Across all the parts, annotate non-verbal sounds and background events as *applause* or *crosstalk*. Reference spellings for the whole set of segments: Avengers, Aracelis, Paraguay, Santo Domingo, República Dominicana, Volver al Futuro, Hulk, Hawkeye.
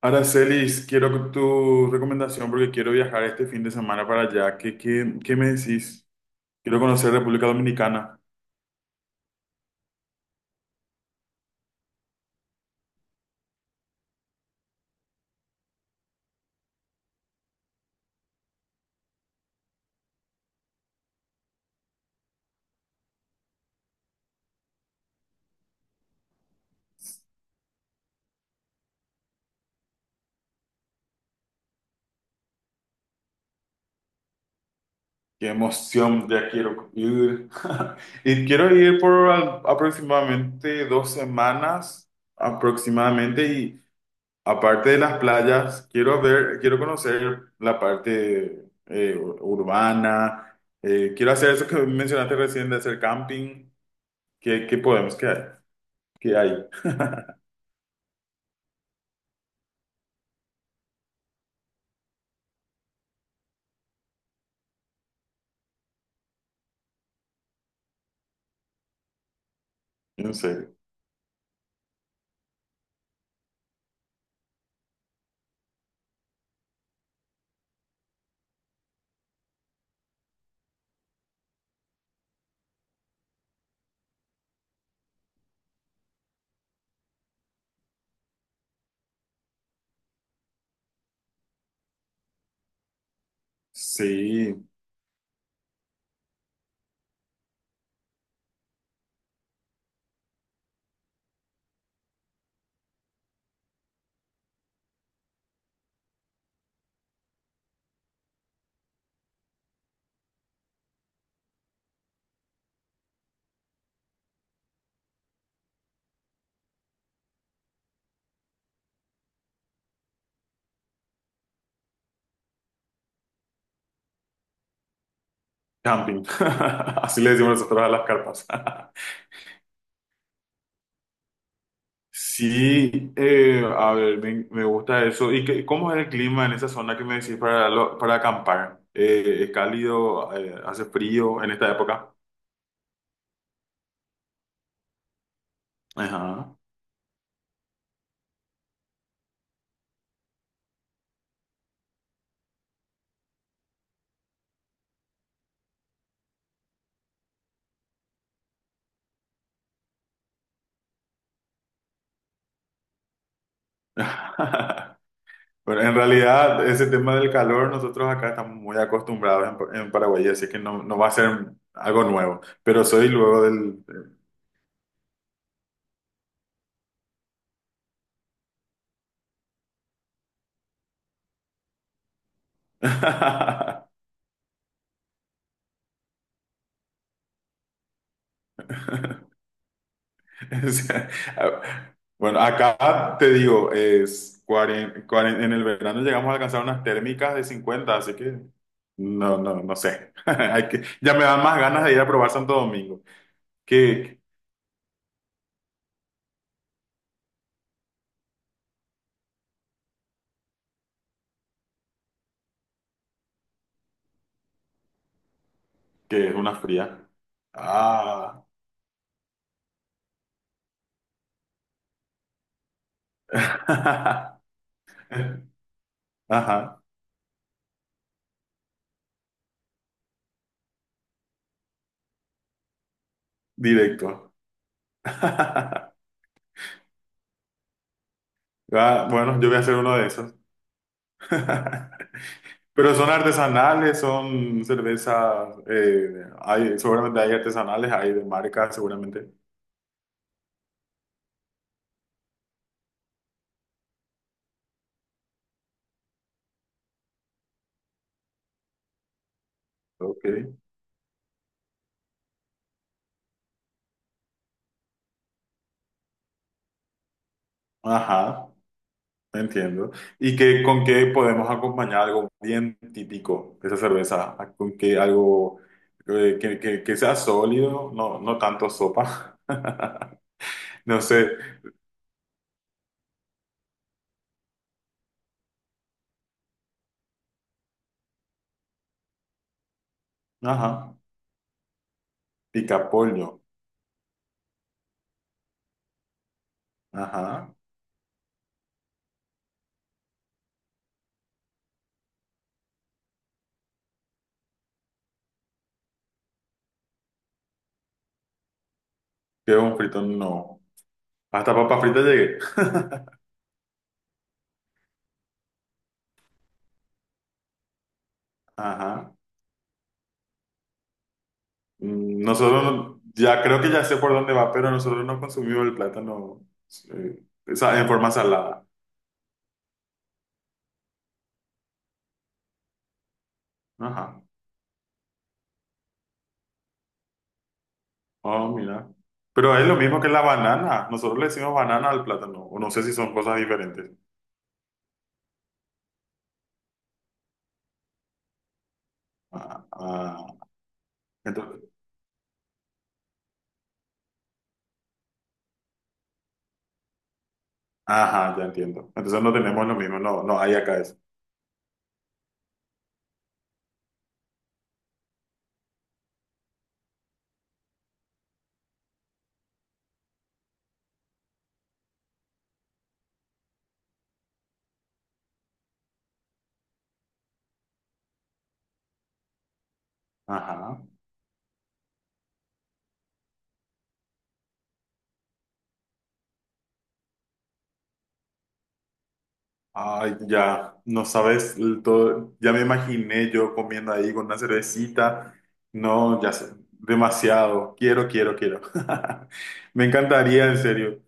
Aracelis, quiero tu recomendación porque quiero viajar este fin de semana para allá. ¿Qué me decís? Quiero conocer República Dominicana. Qué emoción, ya quiero ir. *laughs* Y quiero ir por aproximadamente 2 semanas, aproximadamente. Y aparte de las playas, quiero conocer la parte urbana. Quiero hacer eso que mencionaste recién de hacer camping. ¿Qué, qué podemos? ¿Qué hay? ¿Qué hay? *laughs* No sé. Sí, camping. *laughs* Así le decimos nosotros a las carpas. *laughs* Sí, a ver, me gusta eso. ¿Y cómo es el clima en esa zona que me decís para, para acampar? ¿Es cálido? ¿Hace frío en esta época? Ajá. *laughs* Bueno, en realidad, ese tema del calor, nosotros acá estamos muy acostumbrados en Paraguay, así que no va a ser algo nuevo. Pero soy luego del... *laughs* *laughs* O sea, a-, bueno, acá te digo, es en el verano llegamos a alcanzar unas térmicas de 50, así que no sé. *laughs* Hay que, ya me dan más ganas de ir a probar Santo Domingo, que, que es una fría. Ah. *laughs* Ajá, directo. *laughs* Ah, bueno, yo voy a hacer uno de esos. *laughs* Pero son artesanales, son cervezas, hay, seguramente hay artesanales, hay de marca, seguramente. Ok, ajá, entiendo. ¿Y qué, con qué podemos acompañar algo bien típico de esa cerveza? Ah, ¿con qué algo que sea sólido? No, no tanto sopa. *laughs* No sé, ajá, picapollo, ajá, que un frito no. Hasta papa frita llegué, ajá. Mm, nosotros, ya creo que ya sé por dónde va, pero nosotros no consumimos el plátano eh, o sea, en forma salada, ajá. Oh, mira. Pero es lo mismo que la banana. Nosotros le decimos banana al plátano. O no sé si son cosas diferentes. Ah, ah. Entonces, ajá, ya entiendo. Entonces no tenemos lo mismo. No, no hay acá eso. Ajá. Ay, ya. No sabes el todo. Ya me imaginé yo comiendo ahí con una cervecita. No, ya sé. Demasiado. Quiero. *laughs* Me encantaría, en serio.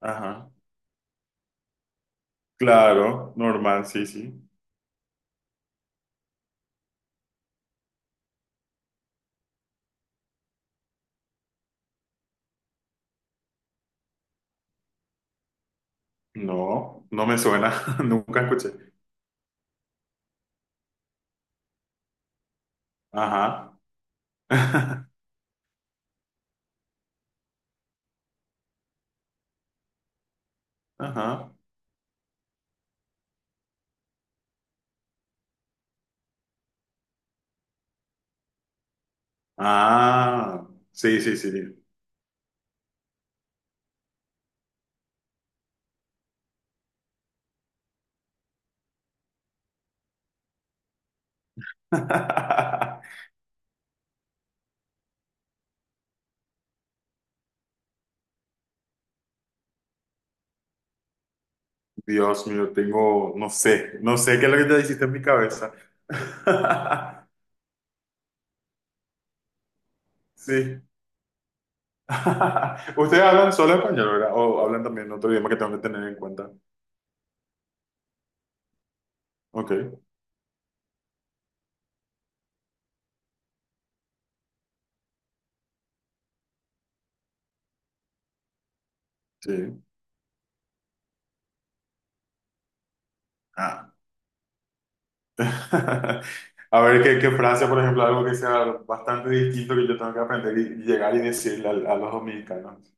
Ajá. Claro, normal, sí, sí. No, no me suena. *laughs* Nunca escuché. Ajá. *laughs* Ajá. Ah, sí, sí, sí. *laughs* Dios mío, tengo, no sé, no sé qué es lo que te hiciste en mi cabeza. *laughs* Sí. *laughs* Ustedes hablan solo español, ¿verdad? O hablan también otro idioma que tengo que tener en cuenta. Ok, sí. Ah. *laughs* A ver, ¿qué, qué frase, por ejemplo, algo que sea bastante distinto que yo tengo que aprender y llegar y decirle al a los dominicanos?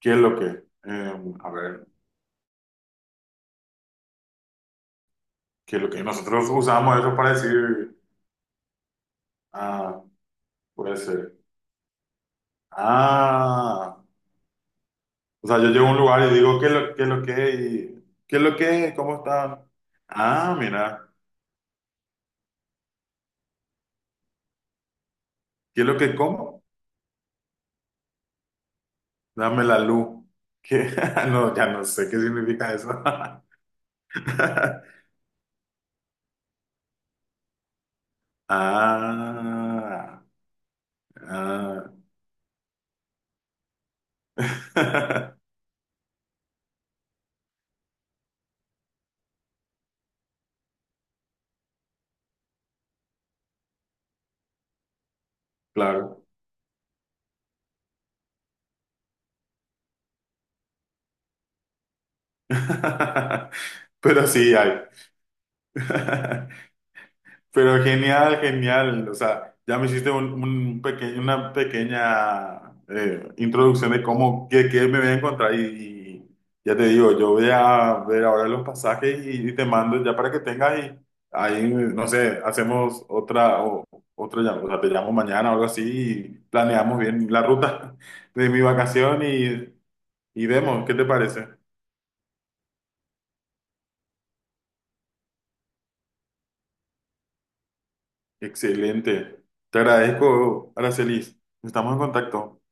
¿Qué es lo que? Eh, a ver, ¿qué es lo que? Nosotros usamos eso para decir. Ah, puede ser. Ah, o sea, yo llego a un lugar y digo, ¿qué es qué es lo que es? Y, ¿qué es lo que es? ¿Cómo está? Ah, mira, ¿qué es lo que como? Dame la luz. ¿Qué? *laughs* No, ya no sé qué significa eso. *laughs* Ah, ah, *laughs* claro. *laughs* Pero sí hay. *laughs* Pero genial, genial. O sea, ya me hiciste un una pequeña introducción de cómo, qué, qué me voy a encontrar. Y ya te digo, yo voy a ver ahora los pasajes y te mando ya para que tengas ahí, no sé, hacemos otra llamada. O sea, te llamo mañana o algo así y planeamos bien la ruta *laughs* de mi vacación y vemos, ¿qué te parece? Excelente. Te agradezco, Aracelis. Estamos en contacto.